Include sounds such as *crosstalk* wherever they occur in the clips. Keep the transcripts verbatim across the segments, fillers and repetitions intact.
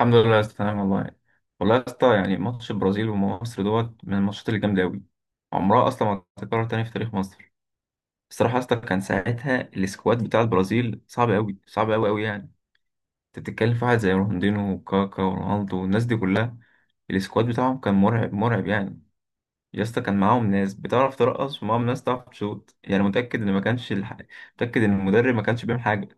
الحمد لله يا اسطى، تمام والله. والله يا اسطى، يعني ماتش البرازيل ومصر دوت من الماتشات اللي جامده قوي، عمرها اصلا ما هتتكرر تاني في تاريخ مصر. الصراحه يا اسطى، كان ساعتها السكواد بتاع البرازيل صعب قوي، صعب قوي قوي. يعني انت بتتكلم في واحد زي رونالدينو وكاكا ورونالدو والناس دي كلها. السكواد بتاعهم كان مرعب مرعب. يعني يا اسطى، كان معاهم ناس بتعرف ترقص ومعاهم ناس تعرف تشوط. يعني متاكد ان ما كانش الح... متاكد ان المدرب ما كانش بيعمل حاجه.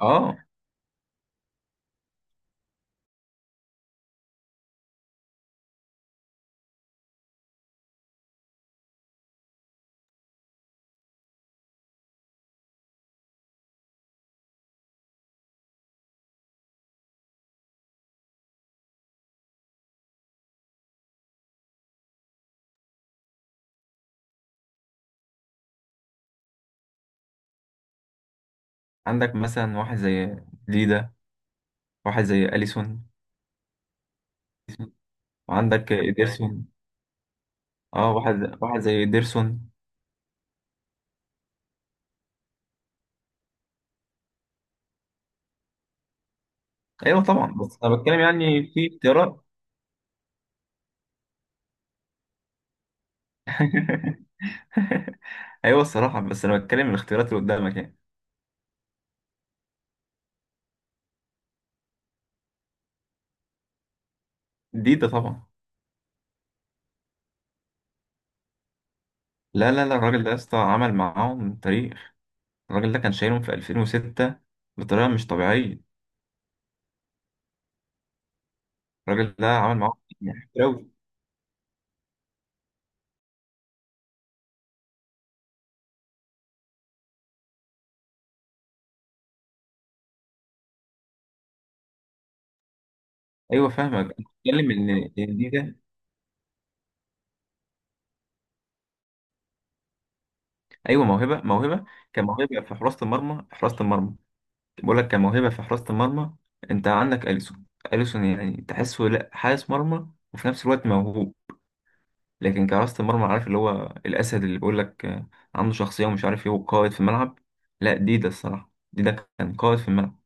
اه، عندك مثلا واحد زي ديدا، واحد زي اليسون، وعندك إيدرسون. اه، واحد واحد زي إيدرسون. ايوه طبعا، بس انا بتكلم يعني في اختيارات. *laughs* ايوه الصراحه، بس انا بتكلم الاختيارات اللي قدامك يعني. دي ده طبعا. لا لا لا، الراجل ده يا اسطى عمل معاهم تاريخ. الراجل ده كان شايلهم في ألفين وستة بطريقه مش طبيعيه. الراجل ده عمل معاهم يعني كتير أوي. ايوه فاهمك، انا بتكلم ان إن دي ده. ايوه، موهبه موهبه. كان موهبه في حراسه المرمى، حراسه المرمى. بقول لك كموهبة في حراسة المرمى. انت عندك أليسون، أليسون يعني تحسه لا حارس مرمى وفي نفس الوقت موهوب، لكن كحراسة المرمى عارف اللي هو الأسد اللي بيقول لك آه، عنده شخصية ومش عارف ايه وقائد في الملعب. لا، دي ده الصراحة، دي ده كان قائد في الملعب.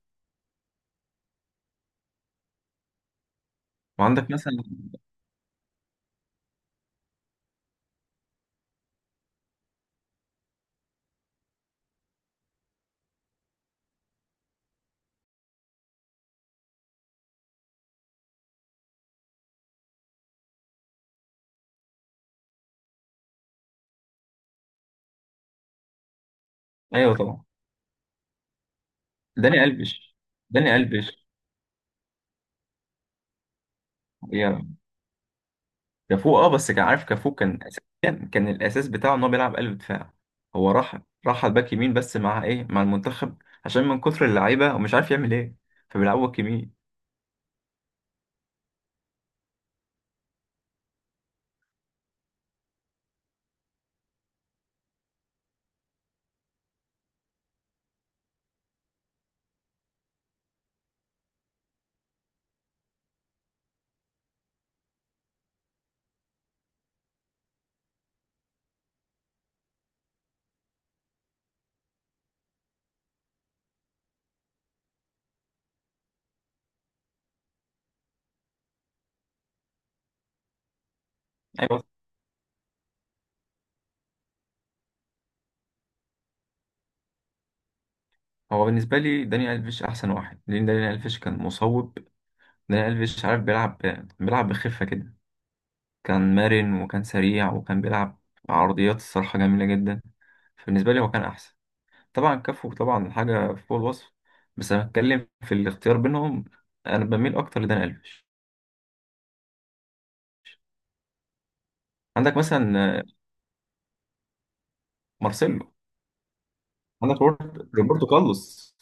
وعندك مثلا، ايوه طبعا. داني ألفيش داني ألفيش يا كافو. اه بس كان عارف، كافو كان أساسيا، كان الأساس بتاعه ان هو بيلعب قلب دفاع. هو راح، راح على الباك يمين بس مع ايه، مع المنتخب، عشان من كتر اللعيبة ومش عارف يعمل ايه، فبيلعبوا باك يمين. ايوه. هو بالنسبه لي داني الفيش احسن واحد، لان داني الفيش كان مصوب. داني الفيش عارف بيلعب، بيلعب بخفه كده. كان مرن وكان سريع وكان بيلعب عرضيات الصراحه جميله جدا. فبالنسبه لي هو كان احسن. طبعا كافو، طبعا حاجه فوق الوصف، بس انا بتكلم في الاختيار بينهم، انا بميل اكتر لداني الفيش. عندك مثلا آه، مارسيلو. عندك روبرت- روبرتو كارلوس.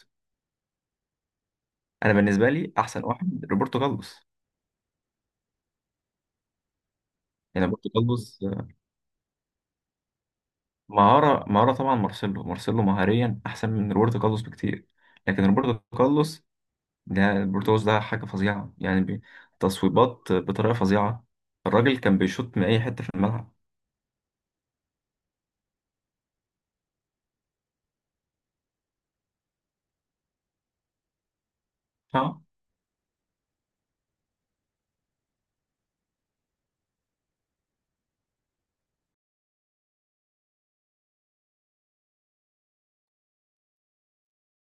انا بالنسبه لي احسن واحد روبرتو كارلوس. يعني روبرتو كارلوس مهارة، مهارة. طبعا مارسيلو مارسيلو مهاريا أحسن من روبرتو كارلوس بكتير، لكن روبرتو كارلوس، ده روبرتو كارلوس ده حاجة فظيعة يعني بي- تصويبات بطريقة فظيعة. الراجل كان بيشوط من أي حتة في الملعب. اه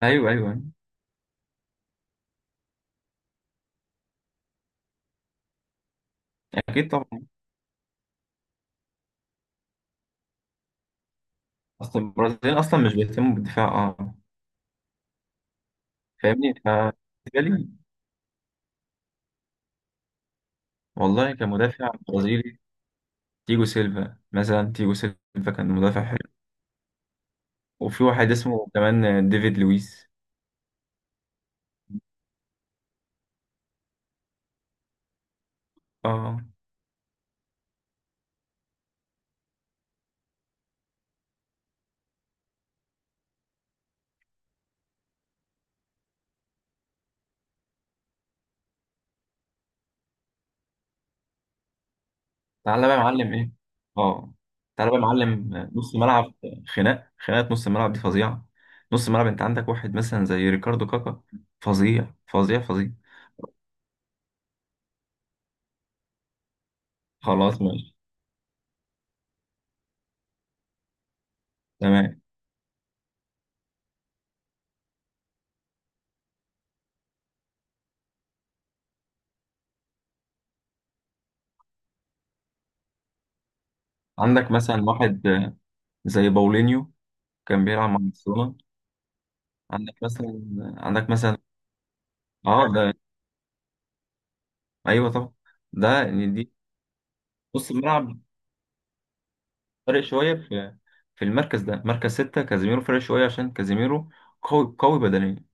أيوه أيوه. أكيد طبعا. أصل البرازيل أصلا مش بيهتموا بالدفاع، اه. فاهمني فبالنسبة لي، والله كمدافع برازيلي، تيجو سيلفا مثلا تيجو سيلفا كان مدافع حلو. وفي واحد اسمه كمان ديفيد لويس. اه. تعالى بقى يا معلم ايه، اه، تعالى بقى يا معلم. نص ملعب، خناق خناقه نص الملعب دي فظيعه. نص الملعب، انت عندك واحد مثلا زي ريكاردو كاكا، فظيع فظيع فظيع. خلاص ماشي، تمام. عندك مثلا واحد آه، زي باولينيو، كان بيلعب مع برشلونه. عندك مثلا، عندك مثلا، اه ده. ايوه طبعا، ده يعني دي نص الملعب، فارق شويه في، في المركز ده مركز ستة، كازيميرو فارق شويه عشان كازيميرو قوي قوي بدنيا.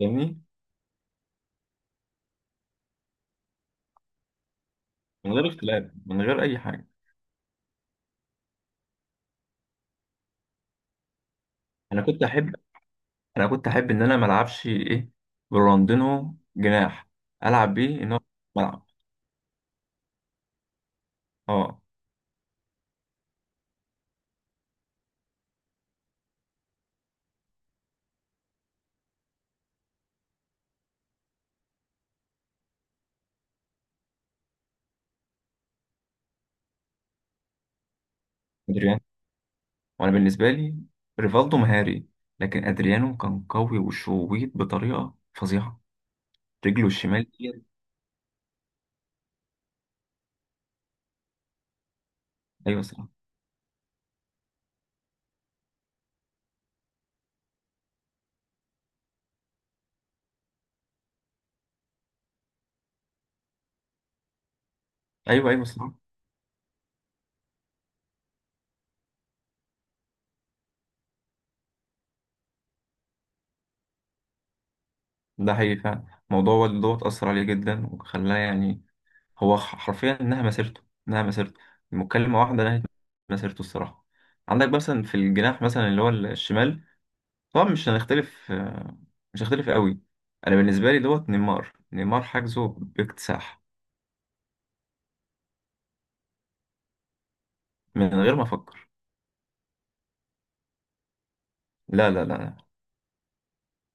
فاهمني، من غير اختلاف، من غير اي حاجه. انا كنت احب انا كنت احب ان انا ما العبش ايه، برونالدينو جناح، العب بيه ان هو ملعب. اه، ادريانو. وانا بالنسبه لي ريفالدو مهاري، لكن ادريانو كان قوي وشويت بطريقه فظيعه، رجله الشمال دي. ايوه صراحه. ايوه ايوه صراحه. ده حقيقي فعلا. الموضوع والد دوت اثر عليه جدا وخلاه يعني، هو ح- حرفيا انها مسيرته انها مسيرته مكالمه واحده نهت مسيرته الصراحه. عندك مثلا في الجناح مثلا اللي هو الشمال، طبعا مش هنختلف، مش هختلف قوي. انا بالنسبه لي دوت نيمار، نيمار حجزه باكتساح. من غير ما افكر. لا لا لا لا.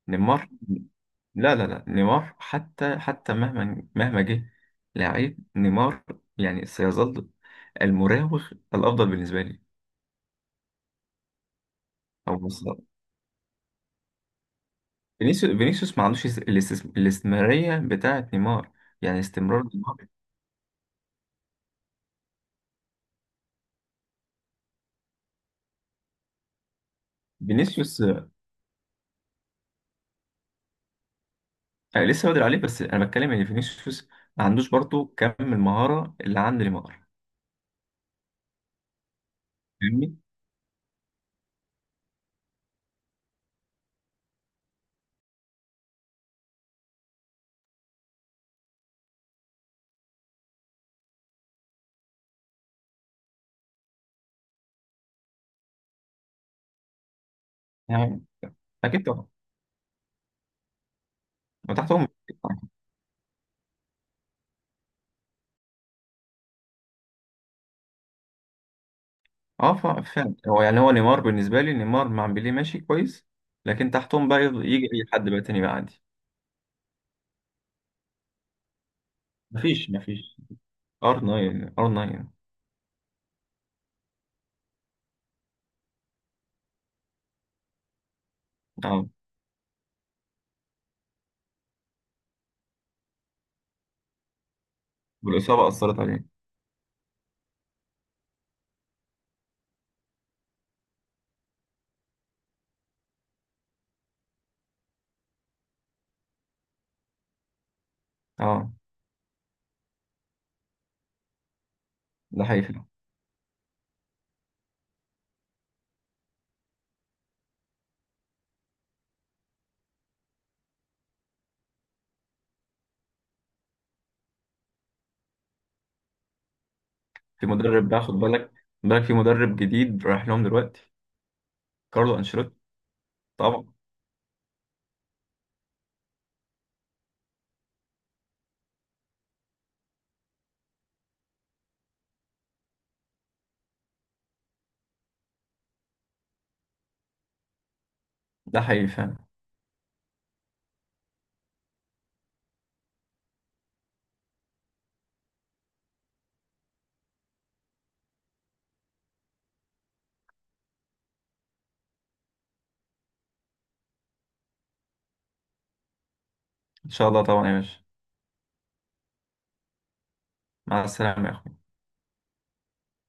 نيمار. لا لا لا، نيمار حتى حتى مهما مهما جه، لعيب نيمار يعني سيظل المراوغ الافضل بالنسبه لي. او مصدر، فينيسيوس فينيسيوس ما عندوش الاستس- الاستمراريه بتاعه نيمار. يعني استمرار نيمار. فينيسيوس آه، لسه بدري عليه، بس انا بتكلم ان فينيسيوس ما عندوش برضه كم المهاره اللي عند نيمار. فاهمني. يعني اكيد طبعا. وتحتهم، اه ف- فعلا هو، يعني هو نيمار بالنسبه لي، نيمار مع بيليه ماشي كويس، لكن تحتهم بقى يفضل- يجي اي حد بقى تاني بقى عادي. مفيش مفيش، ار تسعة ار تسعة. اه والاصابه اثرت عليه. اه ده حقيقي فعلا. في مدرب بقى خد بالك خد بالك في مدرب جديد رايح لهم دلوقتي، كارلو انشيلوتي. طبعا. ده حقيقي فعلا. ان شاء الله طبعا يا باشا. مع السلامه يا أخوي.